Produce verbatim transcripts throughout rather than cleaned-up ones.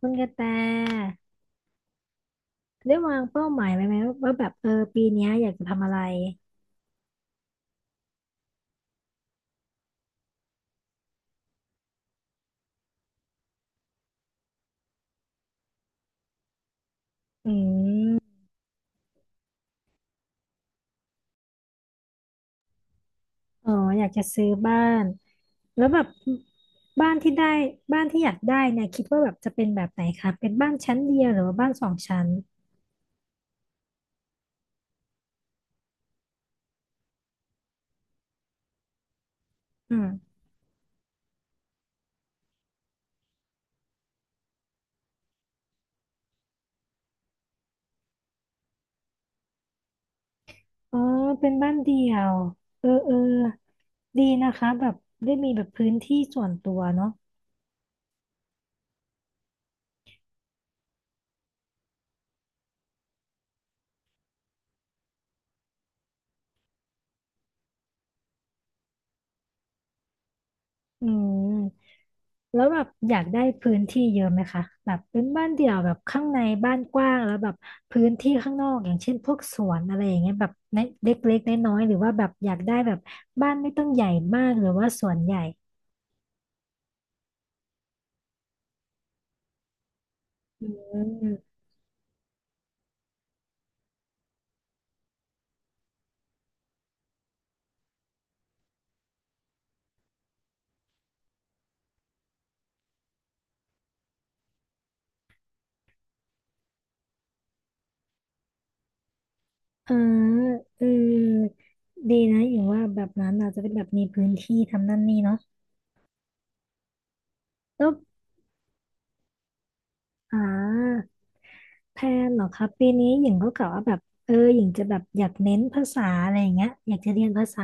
คุณกระแตได้วางเป้าหมายไว้ไหมว่าแบบเออปีเนี้ยอยากจะทำอะไรอืมอ๋ออยากจะซื้อบ้านแล้วแบบบ้านที่ได้บ้านที่อยากได้เนี่ยคิดว่าแบบจะเป็นแบบไหนคะเป็นบ้านชั้นเดียวหรือว่าบ้านสองชั้นอืมอ๋อเป็นบ้านเดียวเออเออดีนะคะแบบได้มีแบบพื้นที่ส่วนตัวเนาะ อืมแล้วแบบอยากได้พื้นที่เยอะไหมคะแบบเป็นบ้านเดี่ยวแบบข้างในบ้านกว้างแล้วแบบพื้นที่ข้างนอกอย่างเช่นพวกสวนอะไรอย่างเงี้ยแบบเล็กเล็กๆน้อยๆหรือว่าแบบอยากได้แบบบ้านไม่ต้องใหญ่มากหรือว่าสวนใหญ่อืมเออเออดีนะอย่างว่าแบบนั้นอาจจะเป็นแบบมีพื้นที่ทำนั่นนี่เนาะแล้ว อ่าแพลนเหรอครับปีนี้หญิงก็กะว่าแบบเออหญิงจะแบบอยากเน้นภาษาอะไรอย่างเงี้ยอยากจะเรียนภาษา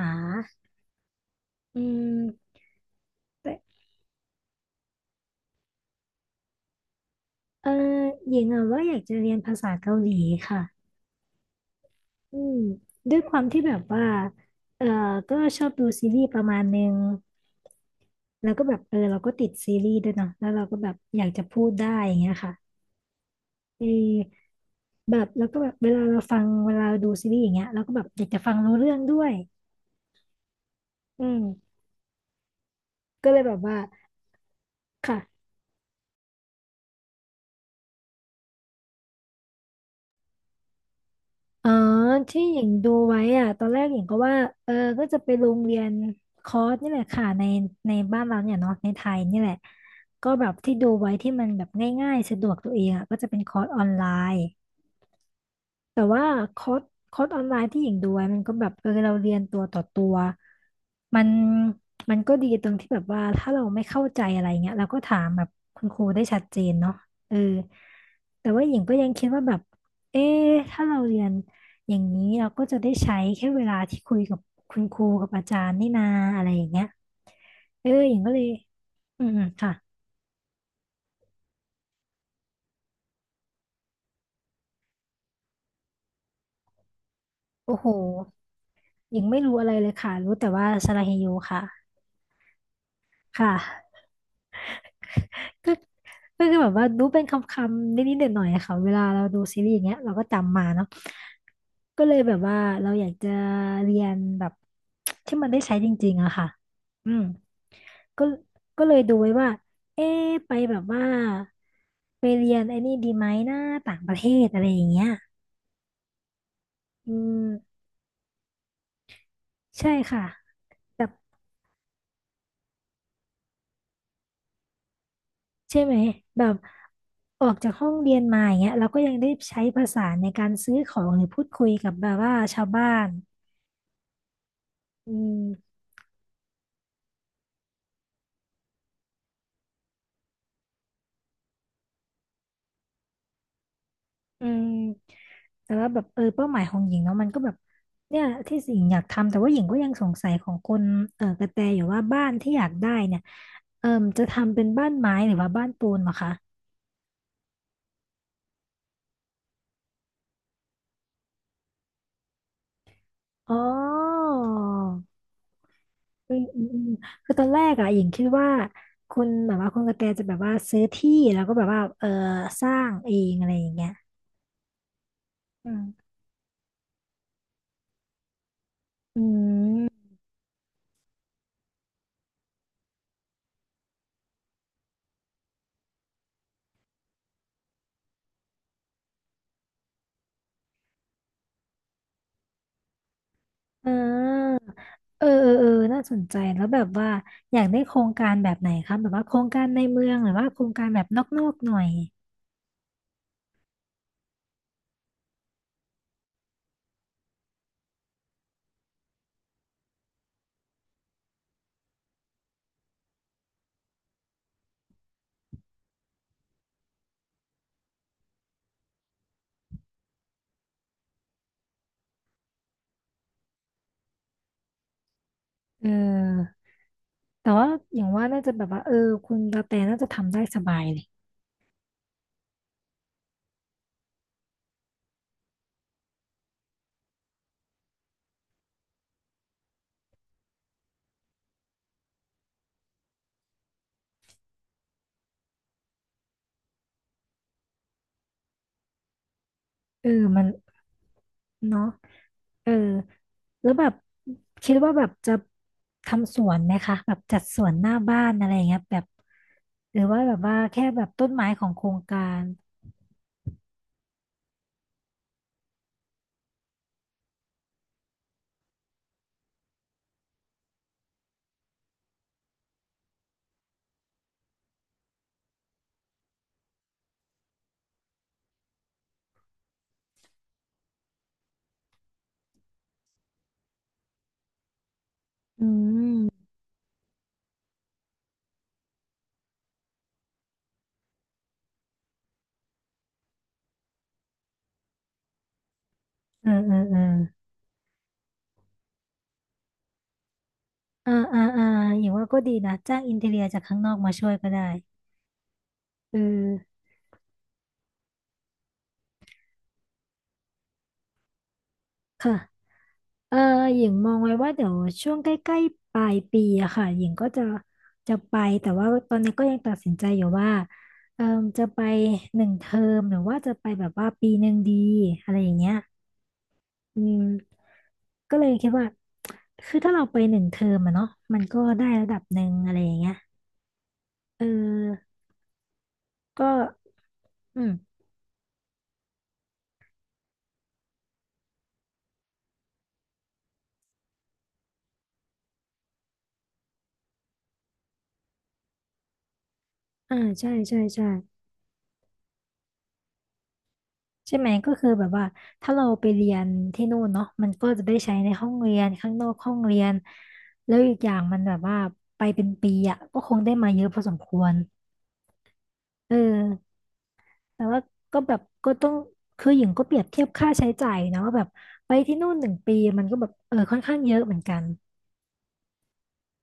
อืมแต่เออหญิงอะว่าอยากจะเรียนภาษาเกาหลีค่ะอืมด้วยความที่แบบว่าเออก็ชอบดูซีรีส์ประมาณนึงแล้วก็แบบเออเราก็ติดซีรีส์ด้วยเนาะแล้วเราก็แบบอยากจะพูดได้อย่างเงี้ยค่ะเออแบบแล้วก็แบบเวลาเราฟังเวลาเราดูซีรีส์อย่างเงี้ยเราก็แบบอยากจะฟังรู้เรื่องด้วยอืม ก็เลยแบบว่าค่ะอ๋อที่หญิงดูไว้อ่ะตอนแรกหญิงก็ว่าเออก็จะไปโรงเรียนคอร์สนี่แหละค่ะในในบ้านเราเนี่ยเนาะในไทยนี่แหละ ก็แบบที่ดูไว้ที่มันแบบง่ายๆ สะดวกตัวเองอ่ะก็จะเป็นคอร์สออนไลน์ แต่ว่าคอร์สคอร์สออนไลน์ที่หญิงดูไว้มันก็แบบเออเราเรียนตัวต่อตัวมันมันก็ดีตรงที่แบบว่าถ้าเราไม่เข้าใจอะไรเงี้ยเราก็ถามแบบคุณครูได้ชัดเจนเนาะเออแต่ว่าหญิงก็ยังคิดว่าแบบเอ๊ะถ้าเราเรียนอย่างนี้เราก็จะได้ใช้แค่เวลาที่คุยกับคุณครูกับอาจารย์นี่นาอะไรอย่างเงี้ยเออหญิงก็เลยอืมค่ะโอ้โหหญิงไม่รู้อะไรเลยค่ะรู้แต่ว่าสระเฮโยค่ะค่ะ ก็ก็คือแบบว่ารู้เป็นคำๆนิดๆหน่อยๆอะค่ะเวลาเราดูซีรีส์อย่างเงี้ยเราก็จำมาเนาะก็เลยแบบว่าเราอยากจะเรียนแบบที่มันได้ใช้จริงๆอะค่ะอืมก็ก็เลยดูไว้ว่าเอ๊ะไปแบบว่าไปเรียนไอ้นี่ดีไหมนะต่างประเทศอะไรอย่างเงี้ยอืมใช่ค่ะแบบใช่ไหมแบบออกจากห้องเรียนมาอย่างเงี้ยเราก็ยังได้ใช้ภาษาในการซื้อของหรือพูดคุยกับแบบว่าชาวบ้าน อืมอืมแต่ว่าแบบเออเป้าหมายของหญิงเนาะมันก็แบบเนี่ยที่หญิงอยากทำแต่ว่าหญิงก็ยังสงสัยของคนเออกระแตอยู่ว่าบ้านที่อยากได้เนี่ยเออจะทำเป็นบ้านไม้หรือว่าบ้านปูนเหรอคะอ๋ออืมอืมอืมคือตอนแรกอะหญิงคิดว่าคุณแบบว่าคุณกระแตจะแบบว่าซื้อที่แล้วก็แบบว่าเออสร้างเองอะไรอย่างเงี้ยอืมอืม อ่าเออเออเออน่าสนใจแล้วแบบว่าอยากได้โครงการแบบไหนคะแบบว่าโครงการในเมืองหรือว่าโครงการแบบนอกๆหน่อยเออแต่ว่าอย่างว่าน่าจะแบบว่าเออคุณกระแตน่าจะทำได้สบายเลยเออมันเนาะเออแล้วแบบคิดว่าแบบจะทำสวนไหมคะแบบจัดสวนหน้าบ้านอะไรอย่างเงี้ยแบบหรือว่าแบบว่าแค่แบบต้นไม้ของโครงการอืมเออเออเออ อ่าอ่าอ่าอย่างว่าก็ดีนะจ้างอินทีเรียจากข้างนอกมาช่วยก็ได้เออค่ะเออหญิงมองไว้ว่าเดี๋ยวช่วงใกล้ๆปลายปีอะค่ะหญิงก็จะจะไปแต่ว่าตอนนี้ก็ยังตัดสินใจอยู่ว่าเออจะไปหนึ่งเทอมหรือว่าจะไปแบบว่าปีหนึ่งดีอะไรอย่างเงี้ยอืมก็เลยคิดว่าคือถ้าเราไปหนึ่งเทอมอะเนาะมันก็ได้ระดับหนึ่งอะไรอย่างเงี้ยเออก็อืมอ่าใช่ใช่ใช่ ใช่ไหมก็คือแบบว่าถ้าเราไปเรียนที่นู่นเนาะมันก็จะได้ใช้ในห้องเรียนข้างนอกห้องเรียนแล้วอีกอย่างมันแบบว่าไปเป็นปีอ่ะก็คงได้มาเยอะพอสมควรเออแต่ว่าก็แบบก็ต้องคือหญิงก็เปรียบเทียบค่าใช้จ่ายนะว่าแบบไปที่นู่นหนึ่งปีมันก็แบบเออค่อนข้างเยอะเหมือนกัน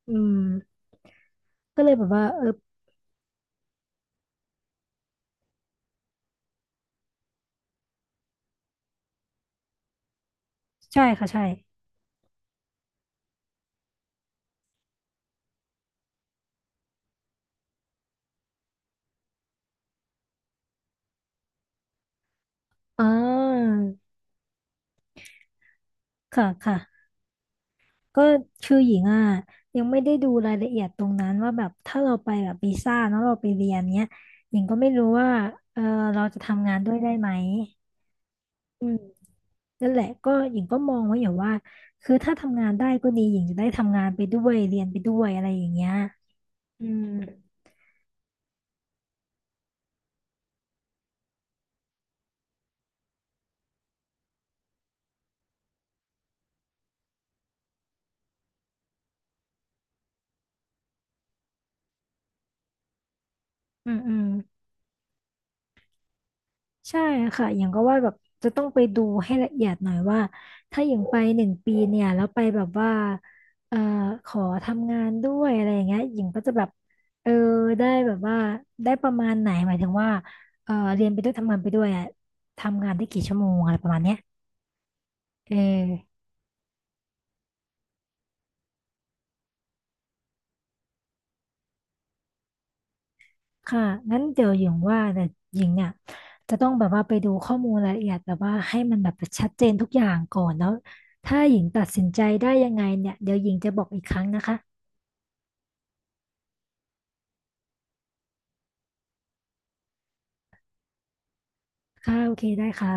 อืมก็เลยแบบว่าเออใช่ค่ะใช่อ่าค่ะค่ะ ก็คือหญิงอ่ะยังไม่ได้ดูรายละเอียดตรงนั้นว่าแบบถ้าเราไปแบบวีซ่าเนาะเราไปเรียนเนี้ยหญิงก็ไม่รู้ว่าเออเราจะทำงานด้วยได้ไหมอืมนั่นแหละก็หญิงก็มองไว้อยู่ว่าคือถ้าทำงานได้ก็ดีหญิงจะได้ทำงานไปด้วยเรียนไปด้วยอะไรอย่างเงี้ยอืมอืมอืม ใช่ค่ะอย่างก็ว่าแบบจะต้องไปดูให้ละเอียดหน่อยว่าถ้าอย่างไปหนึ่งปีเนี่ยแล้วไปแบบว่าเอ่อขอทำงานด้วยอะไรอย่างเงี้ยหญิงก็จะแบบเออได้แบบว่าได้ประมาณไหนหมายถึงว่าเออเรียนไปด้วยทำงานไปด้วยอะทำงานได้กี่ชั่วโมงอะไรประมาณเนี้ยเออค่ะงั้นเดี๋ยวหญิงว่าแต่หญิงเนี่ยจะต้องแบบว่าไปดูข้อมูลรายละเอียดแบบว่าให้มันแบบชัดเจนทุกอย่างก่อนแล้วถ้าหญิงตัดสินใจได้ยังไงเนี่ยเดี๋ยวหญิงจะบอกอีกครั้งนะคะ ค่ะโอเคได้ค่ะ